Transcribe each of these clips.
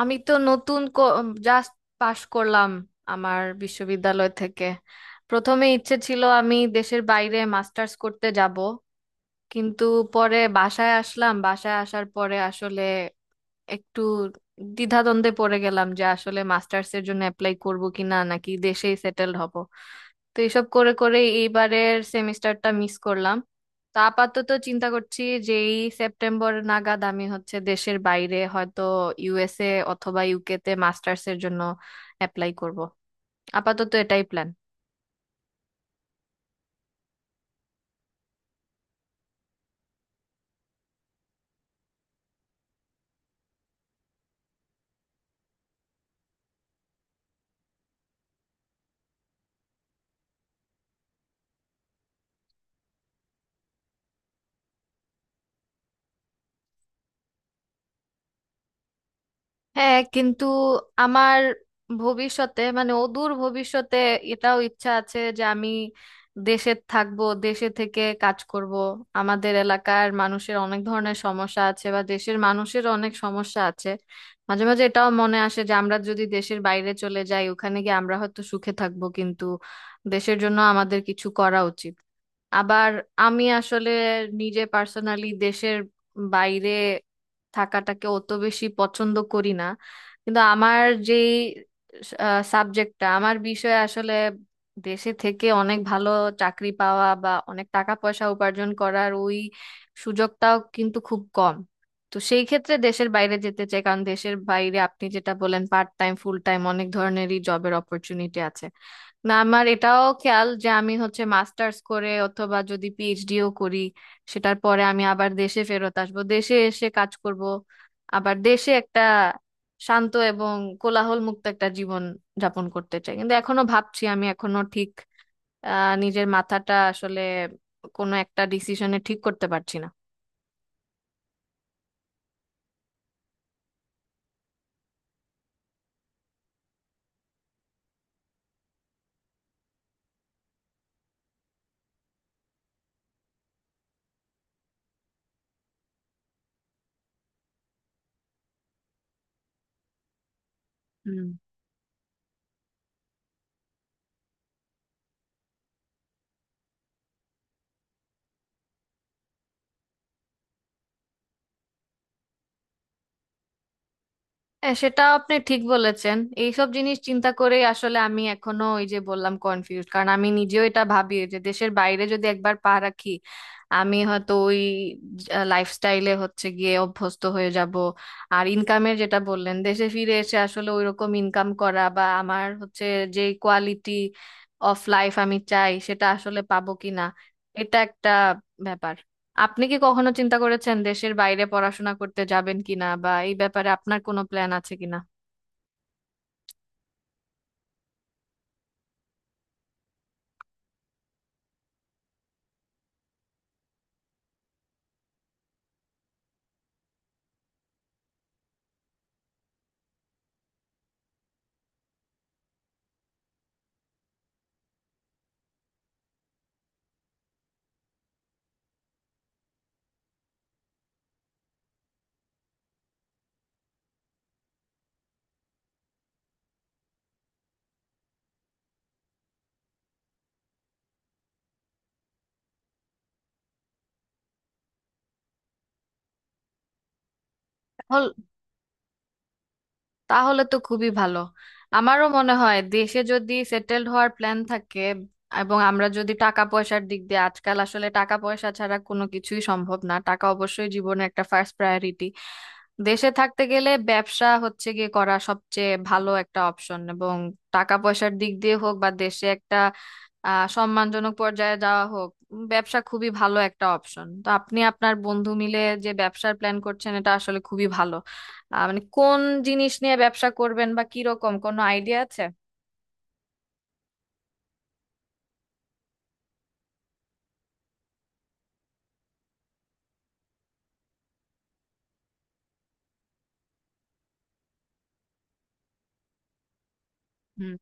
আমি তো নতুন জাস্ট পাশ করলাম আমার বিশ্ববিদ্যালয় থেকে। প্রথমে ইচ্ছে ছিল আমি দেশের বাইরে মাস্টার্স করতে যাব, কিন্তু পরে বাসায় আসলাম। বাসায় আসার পরে আসলে একটু দ্বিধাদ্বন্দ্বে পড়ে গেলাম যে আসলে মাস্টার্স এর জন্য অ্যাপ্লাই করব কি না নাকি দেশেই সেটেলড হব। তো এইসব করে করে এইবারের সেমিস্টারটা মিস করলাম। তো আপাতত চিন্তা করছি যে এই সেপ্টেম্বর নাগাদ আমি হচ্ছে দেশের বাইরে হয়তো ইউএসএ অথবা ইউকে তে মাস্টার্স এর জন্য অ্যাপ্লাই করব। আপাতত এটাই প্ল্যান। হ্যাঁ কিন্তু আমার ভবিষ্যতে মানে অদূর ভবিষ্যতে এটাও ইচ্ছা আছে যে আমি দেশে থাকবো, দেশে থেকে কাজ করব। আমাদের এলাকার মানুষের অনেক ধরনের সমস্যা আছে বা দেশের মানুষের অনেক সমস্যা আছে। মাঝে মাঝে এটাও মনে আসে যে আমরা যদি দেশের বাইরে চলে যাই ওখানে গিয়ে আমরা হয়তো সুখে থাকবো, কিন্তু দেশের জন্য আমাদের কিছু করা উচিত। আবার আমি আসলে নিজে পার্সোনালি দেশের বাইরে থাকাটাকে অত বেশি পছন্দ করি না। কিন্তু আমার যে সাবজেক্টটা, আমার বিষয়ে আসলে দেশে থেকে অনেক ভালো চাকরি পাওয়া বা অনেক টাকা পয়সা উপার্জন করার ওই সুযোগটাও কিন্তু খুব কম। তো সেই ক্ষেত্রে দেশের বাইরে যেতে চাই, কারণ দেশের বাইরে আপনি যেটা বলেন পার্ট টাইম ফুল টাইম অনেক ধরনেরই জবের অপরচুনিটি আছে। না আমার এটাও খেয়াল যে আমি হচ্ছে মাস্টার্স করে অথবা যদি পিএইচডিও করি সেটার পরে আমি আবার দেশে ফেরত আসবো, দেশে এসে কাজ করব। আবার দেশে একটা শান্ত এবং কোলাহল মুক্ত একটা জীবন যাপন করতে চাই, কিন্তু এখনো ভাবছি। আমি এখনো ঠিক নিজের মাথাটা আসলে কোনো একটা ডিসিশনে ঠিক করতে পারছি না। হ্যাঁ, সেটা আপনি ঠিক বলেছেন। এইসব জিনিস চিন্তা করেই আসলে আমি এখনো, ওই যে বললাম, কনফিউজ, কারণ আমি নিজেও এটা ভাবি যে দেশের বাইরে যদি একবার পা রাখি আমি হয়তো ওই লাইফস্টাইলে হচ্ছে গিয়ে অভ্যস্ত হয়ে যাব। আর ইনকামের যেটা বললেন দেশে ফিরে এসে আসলে ওই রকম ইনকাম করা বা আমার হচ্ছে যে কোয়ালিটি অফ লাইফ আমি চাই সেটা আসলে পাবো কিনা, এটা একটা ব্যাপার। আপনি কি কখনো চিন্তা করেছেন দেশের বাইরে পড়াশোনা করতে যাবেন কিনা বা এই ব্যাপারে আপনার কোনো প্ল্যান আছে কিনা? তাহল- তাহলে তো খুবই ভালো। আমারও মনে হয় দেশে যদি সেটেলড হওয়ার প্ল্যান থাকে এবং আমরা যদি টাকা পয়সার দিক দিয়ে, আজকাল আসলে টাকা পয়সা ছাড়া কোনো কিছুই সম্ভব না, টাকা অবশ্যই জীবনে একটা ফার্স্ট প্রায়োরিটি। দেশে থাকতে গেলে ব্যবসা হচ্ছে গিয়ে করা সবচেয়ে ভালো একটা অপশন। এবং টাকা পয়সার দিক দিয়ে হোক বা দেশে একটা সম্মানজনক পর্যায়ে যাওয়া হোক, ব্যবসা খুবই ভালো একটা অপশন। তো আপনি আপনার বন্ধু মিলে যে ব্যবসার প্ল্যান করছেন এটা আসলে খুবই ভালো। মানে কোন জিনিস নিয়ে ব্যবসা করবেন বা কিরকম কোনো আইডিয়া আছে? হুম।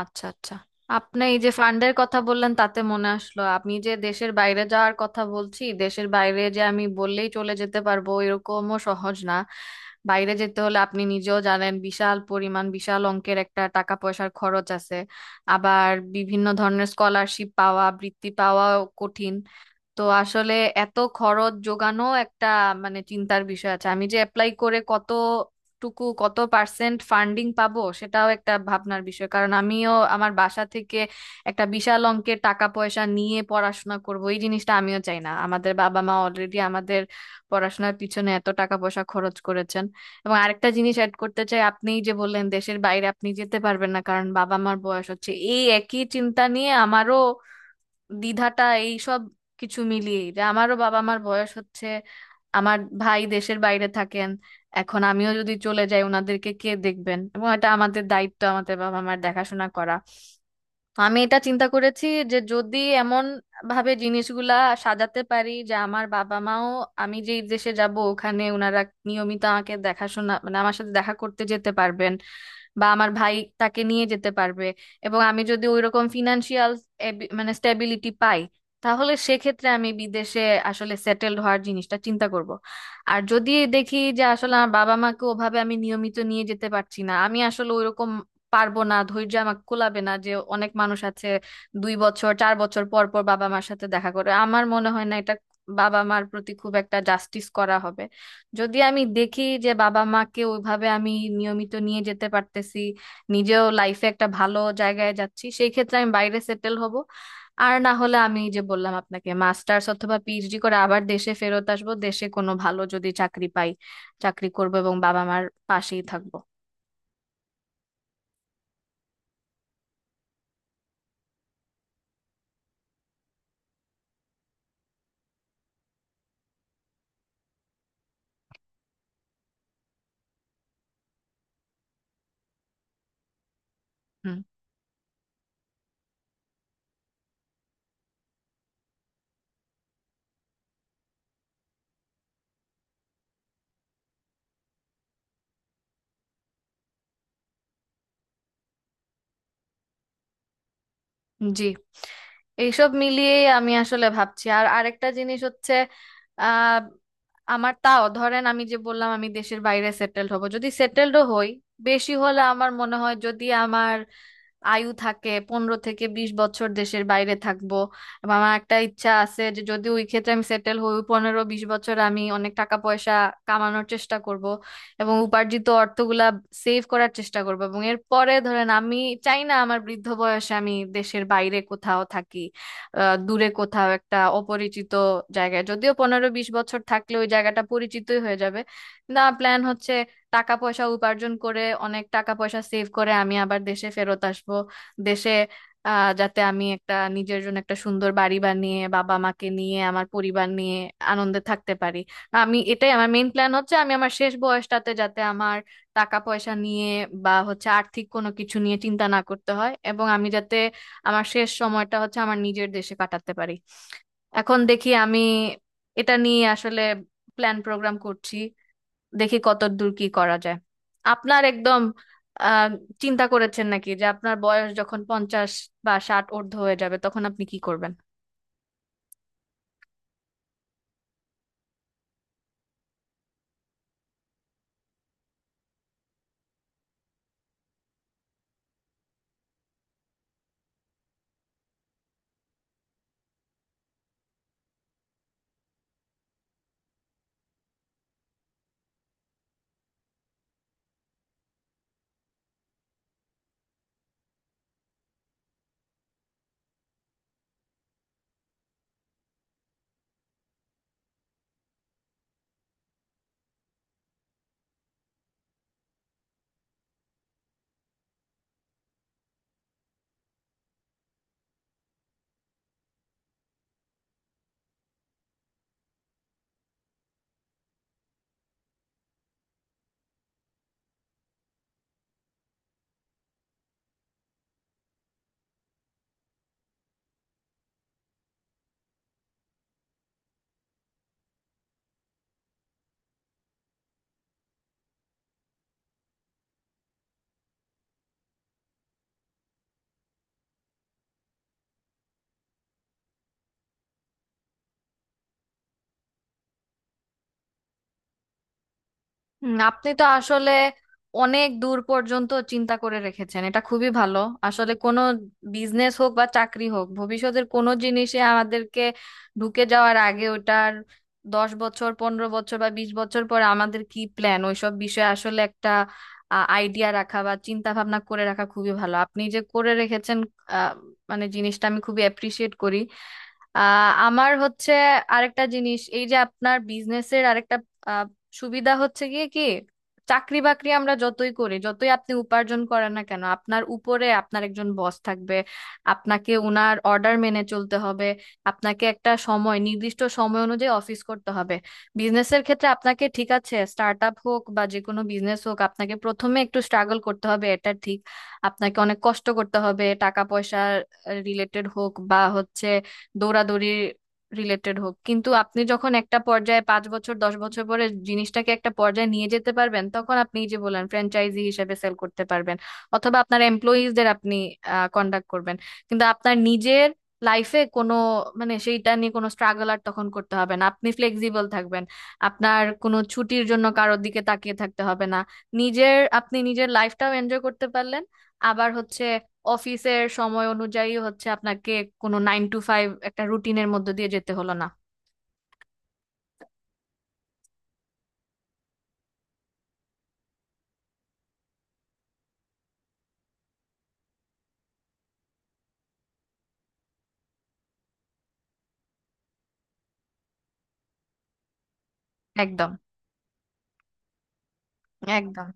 আচ্ছা, আচ্ছা। আপনি এই যে ফান্ডের কথা বললেন তাতে মনে আসলো, আমি যে দেশের বাইরে যাওয়ার কথা বলছি, দেশের বাইরে যে আমি বললেই চলে যেতে পারবো এরকমও সহজ না। বাইরে যেতে হলে আপনি নিজেও জানেন বিশাল পরিমাণ বিশাল অঙ্কের একটা টাকা পয়সার খরচ আছে। আবার বিভিন্ন ধরনের স্কলারশিপ পাওয়া, বৃত্তি পাওয়াও কঠিন। তো আসলে এত খরচ যোগানো একটা মানে চিন্তার বিষয় আছে। আমি যে অ্যাপ্লাই করে কতটুকু কত পার্সেন্ট ফান্ডিং পাবো সেটাও একটা ভাবনার বিষয়, কারণ আমিও আমার বাসা থেকে একটা বিশাল অঙ্কের টাকা পয়সা নিয়ে পড়াশোনা করব এই জিনিসটা আমিও চাই না। আমাদের বাবা মা অলরেডি আমাদের পড়াশোনার পিছনে এত টাকা পয়সা খরচ করেছেন। এবং আরেকটা জিনিস অ্যাড করতে চাই, আপনিই যে বললেন দেশের বাইরে আপনি যেতে পারবেন না কারণ বাবা মার বয়স হচ্ছে, এই একই চিন্তা নিয়ে আমারও দ্বিধাটা। এই সব কিছু মিলিয়ে যে আমারও বাবা মার বয়স হচ্ছে, আমার ভাই দেশের বাইরে থাকেন, এখন আমিও যদি চলে যাই ওনাদেরকে কে দেখবেন? এবং এটা আমাদের দায়িত্ব আমাদের বাবা মার দেখাশোনা করা। তো আমি এটা চিন্তা করেছি যে যদি এমন ভাবে জিনিসগুলা সাজাতে পারি যে আমার বাবা মাও, আমি যেই দেশে যাব ওখানে ওনারা নিয়মিত আমাকে দেখাশোনা মানে আমার সাথে দেখা করতে যেতে পারবেন বা আমার ভাই তাকে নিয়ে যেতে পারবে, এবং আমি যদি ওইরকম ফিনান্সিয়াল মানে স্টেবিলিটি পাই, তাহলে সেক্ষেত্রে আমি বিদেশে আসলে সেটেলড হওয়ার জিনিসটা চিন্তা করব। আর যদি দেখি যে আসলে আমার বাবা মাকে ওভাবে আমি নিয়মিত নিয়ে যেতে পারছি না, আমি আসলে ওইরকম পারবো না, ধৈর্য আমাকে কুলাবে না যে অনেক মানুষ আছে 2 বছর 4 বছর পর পর বাবা মার সাথে দেখা করে, আমার মনে হয় না এটা বাবা মার প্রতি খুব একটা জাস্টিস করা হবে। যদি আমি দেখি যে বাবা মাকে ওইভাবে আমি নিয়মিত নিয়ে যেতে পারতেছি, নিজেও লাইফে একটা ভালো জায়গায় যাচ্ছি, সেই ক্ষেত্রে আমি বাইরে সেটেল হব। আর না হলে আমি যে বললাম আপনাকে মাস্টার্স অথবা পিএইচডি করে আবার দেশে ফেরত আসবো, দেশে কোনো ভালো যদি চাকরি পাই চাকরি করব এবং বাবা মার পাশেই থাকবো। হুম। জি। এইসব মিলিয়ে আমি আসলে ভাবছি। আর আরেকটা জিনিস হচ্ছে, আহ আমার তাও, ধরেন আমি যে বললাম আমি দেশের বাইরে সেটেলড হব, যদি সেটেলডও হই, বেশি হলে আমার মনে হয়, যদি আমার আয়ু থাকে, 15 থেকে 20 বছর দেশের বাইরে থাকবো। এবং আমার একটা ইচ্ছা আছে যে যদি ওই ক্ষেত্রে আমি সেটেল হই, ওই 15-20 বছর আমি অনেক টাকা পয়সা কামানোর চেষ্টা করব এবং উপার্জিত অর্থগুলা সেভ করার চেষ্টা করব। এবং এরপরে ধরেন আমি চাই না আমার বৃদ্ধ বয়সে আমি দেশের বাইরে কোথাও থাকি, দূরে কোথাও একটা অপরিচিত জায়গায়, যদিও 15-20 বছর থাকলে ওই জায়গাটা পরিচিতই হয়ে যাবে। না, প্ল্যান হচ্ছে টাকা পয়সা উপার্জন করে অনেক টাকা পয়সা সেভ করে আমি আবার দেশে ফেরত আসবো। দেশে যাতে আমি একটা নিজের জন্য একটা সুন্দর বাড়ি বানিয়ে বাবা মাকে নিয়ে, আমার পরিবার নিয়ে আনন্দে থাকতে পারি। আমি এটাই আমার মেইন প্ল্যান হচ্ছে, আমি আমার শেষ বয়সটাতে যাতে আমার টাকা পয়সা নিয়ে বা হচ্ছে আর্থিক কোনো কিছু নিয়ে চিন্তা না করতে হয় এবং আমি যাতে আমার শেষ সময়টা হচ্ছে আমার নিজের দেশে কাটাতে পারি। এখন দেখি আমি এটা নিয়ে আসলে প্ল্যান প্রোগ্রাম করছি, দেখি কত দূর কি করা যায়। আপনার একদম আহ চিন্তা করেছেন নাকি যে আপনার বয়স যখন 50 বা 60 ঊর্ধ্ব হয়ে যাবে তখন আপনি কি করবেন? হুম, আপনি তো আসলে অনেক দূর পর্যন্ত চিন্তা করে রেখেছেন, এটা খুবই ভালো। আসলে কোনো বিজনেস হোক বা চাকরি হোক, ভবিষ্যতের কোনো জিনিসে আমাদেরকে ঢুকে যাওয়ার আগে ওটার 10 বছর, 15 বছর বা 20 বছর পরে আমাদের কি প্ল্যান ওইসব বিষয়ে আসলে একটা আইডিয়া রাখা বা চিন্তা ভাবনা করে রাখা খুবই ভালো। আপনি যে করে রেখেছেন আহ, মানে জিনিসটা আমি খুবই অ্যাপ্রিসিয়েট করি। আমার হচ্ছে আরেকটা জিনিস, এই যে আপনার বিজনেসের আরেকটা আহ, সুবিধা হচ্ছে গিয়ে কি, চাকরি বাকরি আমরা যতই করি, যতই আপনি উপার্জন করেন না কেন, আপনার উপরে আপনার একজন বস থাকবে। আপনাকে ওনার অর্ডার মেনে চলতে হবে। আপনাকে একটা সময়, নির্দিষ্ট সময় অনুযায়ী অফিস করতে হবে। বিজনেসের ক্ষেত্রে আপনাকে, ঠিক আছে স্টার্ট আপ হোক বা যে কোনো বিজনেস হোক, আপনাকে প্রথমে একটু স্ট্রাগল করতে হবে এটা ঠিক, আপনাকে অনেক কষ্ট করতে হবে, টাকা পয়সা রিলেটেড হোক বা হচ্ছে দৌড়াদৌড়ি রিলেটেড হোক, কিন্তু আপনি যখন একটা পর্যায়ে, 5 বছর 10 বছর পরে জিনিসটাকে একটা পর্যায়ে নিয়ে যেতে পারবেন, তখন আপনি যে বলেন ফ্র্যাঞ্চাইজি হিসেবে সেল করতে পারবেন অথবা আপনার এমপ্লয়িজদের আপনি কন্ডাক্ট করবেন। কিন্তু আপনার নিজের লাইফে কোনো, মানে সেইটা নিয়ে কোনো স্ট্রাগল আর তখন করতে হবে না, আপনি ফ্লেক্সিবল থাকবেন। আপনার কোনো ছুটির জন্য কারোর দিকে তাকিয়ে থাকতে হবে না। নিজের, আপনি নিজের লাইফটাও এনজয় করতে পারলেন। আবার হচ্ছে অফিসের সময় অনুযায়ী হচ্ছে আপনাকে কোনো 9টা-5টা একটা রুটিনের মধ্যে দিয়ে যেতে হলো না। একদম, একদম।